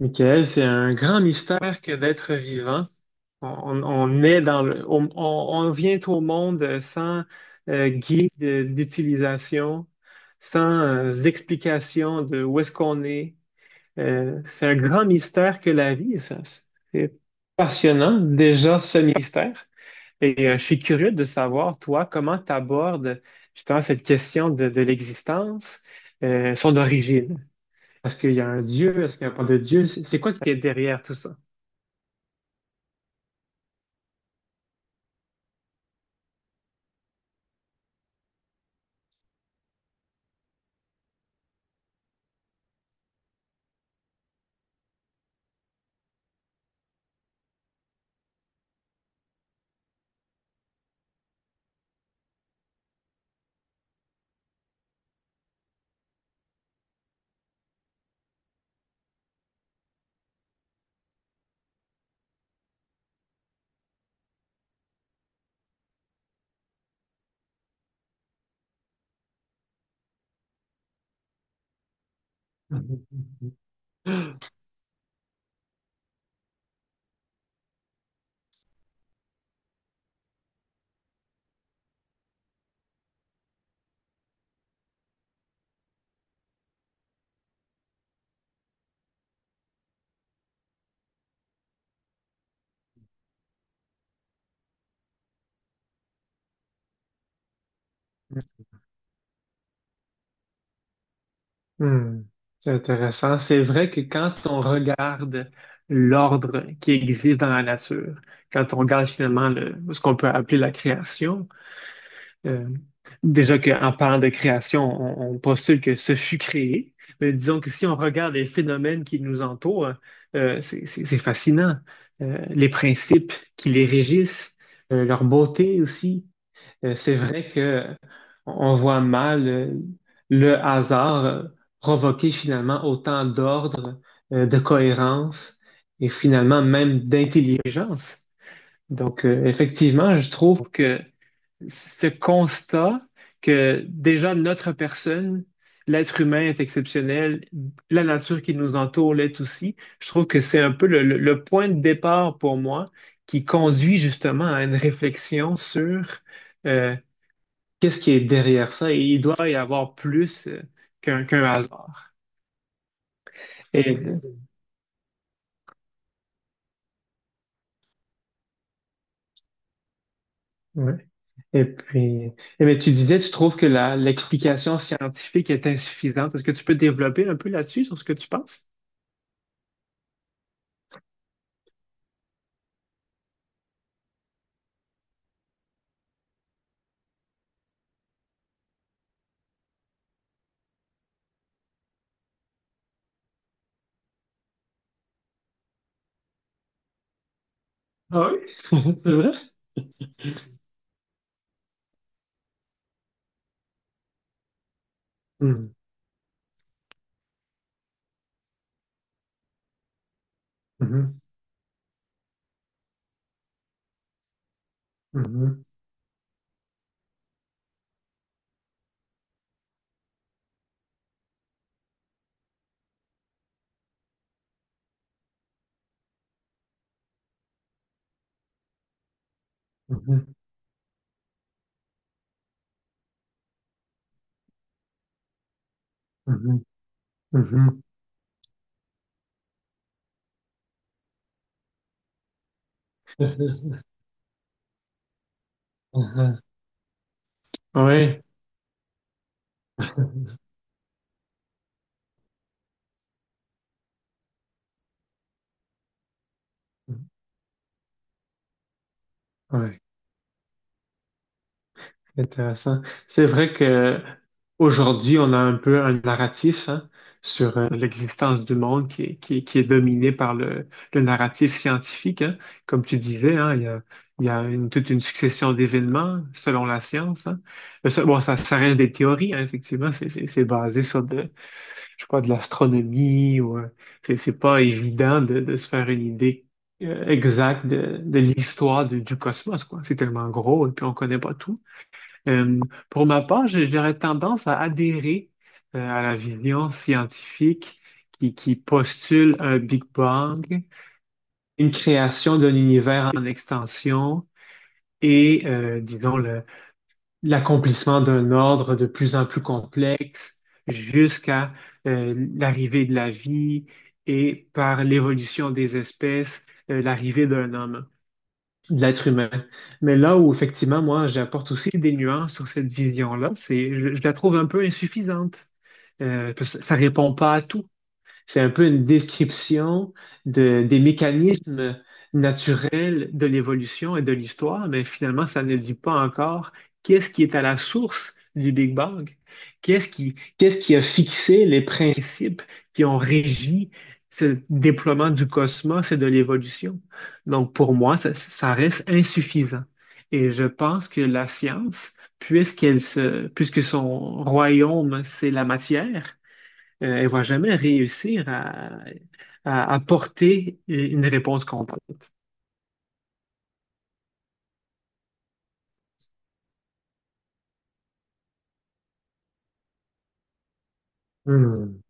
Michael, c'est un grand mystère que d'être vivant. On est dans le, on vient au monde sans guide d'utilisation, sans explication de où est-ce qu'on est. C'est un grand mystère que la vie, ça. C'est passionnant déjà ce mystère. Et je suis curieux de savoir, toi, comment tu abordes justement cette question de l'existence, son origine. Est-ce qu'il y a un Dieu? Est-ce qu'il n'y a pas de Dieu? C'est quoi qui est derrière tout ça? Hmm, c'est intéressant. C'est vrai que quand on regarde l'ordre qui existe dans la nature, quand on regarde finalement ce qu'on peut appeler la création, euh, déjà qu'en parlant de création, on postule que ce fut créé, mais disons que si on regarde les phénomènes qui nous entourent, c'est fascinant. Les principes qui les régissent, leur beauté aussi. C'est vrai que on voit mal le hasard provoquer finalement autant d'ordre, de cohérence et finalement même d'intelligence. Donc, effectivement, je trouve que ce constat que déjà notre personne, l'être humain est exceptionnel, la nature qui nous entoure l'est aussi, je trouve que c'est un peu le point de départ pour moi qui conduit justement à une réflexion sur euh, qu'est-ce qui est derrière ça? Et il doit y avoir plus qu'un hasard. Et, ouais. Et puis, eh bien, tu disais, tu trouves que l'explication scientifique est insuffisante. Est-ce que tu peux développer un peu là-dessus, sur ce que tu penses? Ah oui, c'est vrai? Mhm, mhm, mhm, mhm, mhm, mhm. Mhm. Ouais. Ouais. Intéressant. C'est vrai que aujourd'hui, on a un peu un narratif, hein, sur l'existence du monde qui est dominé par le narratif scientifique, hein. Comme tu disais, hein, il y a une- toute une succession d'événements selon la science, hein. Bon, ça reste des théories, hein, effectivement. C'est basé sur de, je sais pas, de l'astronomie ou c'est pas évident de se faire une idée exacte de l'histoire du cosmos, quoi. C'est tellement gros et puis on connaît pas tout. Euh, pour ma part, j'aurais tendance à adhérer à la vision scientifique qui postule un Big Bang, une création d'un univers en extension et, disons, l'accomplissement d'un ordre de plus en plus complexe jusqu'à l'arrivée de la vie et par l'évolution des espèces, l'arrivée d'un homme de l'être humain. Mais là où effectivement, moi, j'apporte aussi des nuances sur cette vision-là, je la trouve un peu insuffisante. Parce que ça répond pas à tout. C'est un peu une description des mécanismes naturels de l'évolution et de l'histoire, mais finalement, ça ne dit pas encore qu'est-ce qui est à la source du Big Bang, qu'est-ce qui a fixé les principes qui ont régi ce déploiement du cosmos et de l'évolution. Donc, pour moi, ça reste insuffisant. Et je pense que la science, puisque son royaume, c'est la matière, elle va jamais réussir à apporter une réponse complète. Hmm.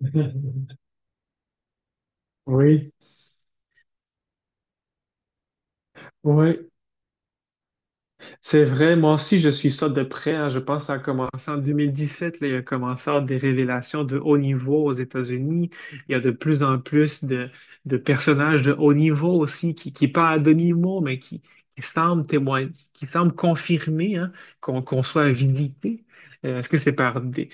Oui, oui. C'est vrai, moi aussi, je suis ça de près, hein. Je pense que ça a commencé en 2017. Là, il y a commencé à avoir des révélations de haut niveau aux États-Unis. Il y a de plus en plus de personnages de haut niveau aussi qui parlent à demi-mot, mais qui semblent témoigner, qui semblent confirmer, hein, qu'on soit vidité. Est-ce que c'est par des,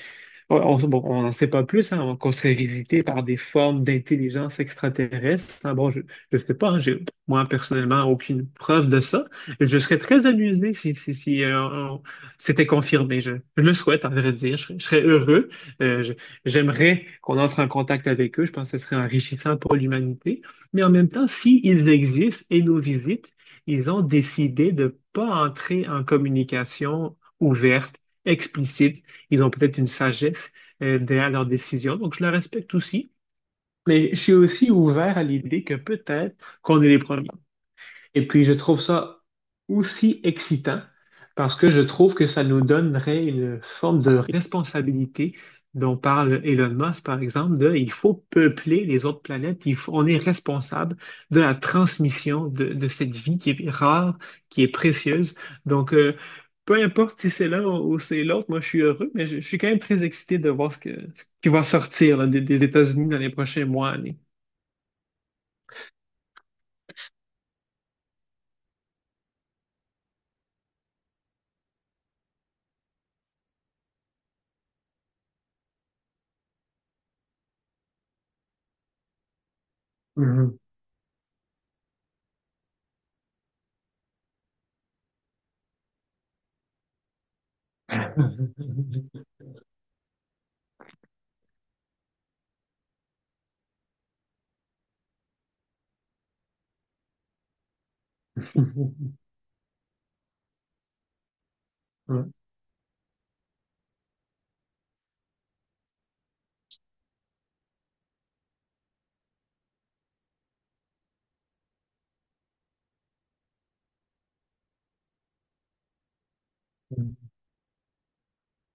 Ouais, on, bon, on n'en sait pas plus, hein, qu'on serait visité par des formes d'intelligence extraterrestre, hein. Bon, je ne sais pas, hein, moi personnellement aucune preuve de ça. Je serais très amusé si c'était confirmé. Je le souhaite, en vrai dire. Je serais heureux. Euh, je- J'aimerais qu'on entre en contact avec eux. Je pense que ce serait enrichissant pour l'humanité. Mais en même temps, s'ils existent et nous visitent, ils ont décidé de ne pas entrer en communication ouverte, explicite, ils ont peut-être une sagesse derrière leurs décisions. Donc, je le respecte aussi. Mais je suis aussi ouvert à l'idée que peut-être qu'on est les premiers. Et puis, je trouve ça aussi excitant parce que je trouve que ça nous donnerait une forme de responsabilité dont parle Elon Musk, par exemple, de il faut peupler les autres planètes, on est responsable de la transmission de cette vie qui est rare, qui est précieuse. Donc, peu importe si c'est l'un ou c'est l'autre, moi, je suis heureux, mais je suis quand même très excité de voir ce qui va sortir là, des États-Unis dans les prochains mois, années. Mhm. Ouais.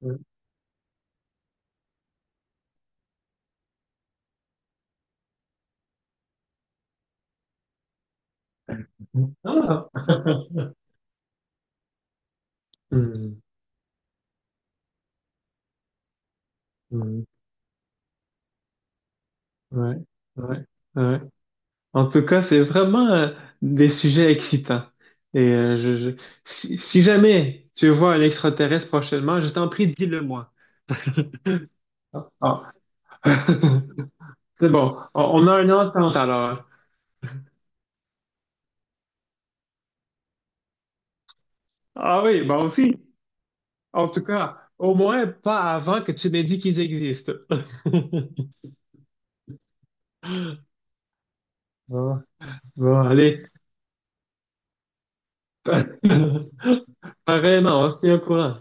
Mmh. Ah! Mmh. Mmh. Ouais, ouais, ouais. En tout cas, c'est vraiment des sujets excitants. Et si, si jamais tu vois un extraterrestre prochainement, je t'en prie, dis-le moi. Ah, ah. C'est bon. On a une entente alors. Ah oui, bon aussi. En tout cas, au moins pas avant que tu m'aies dit qu'ils existent. Bon, allez. Pareillement, on se tient au courant.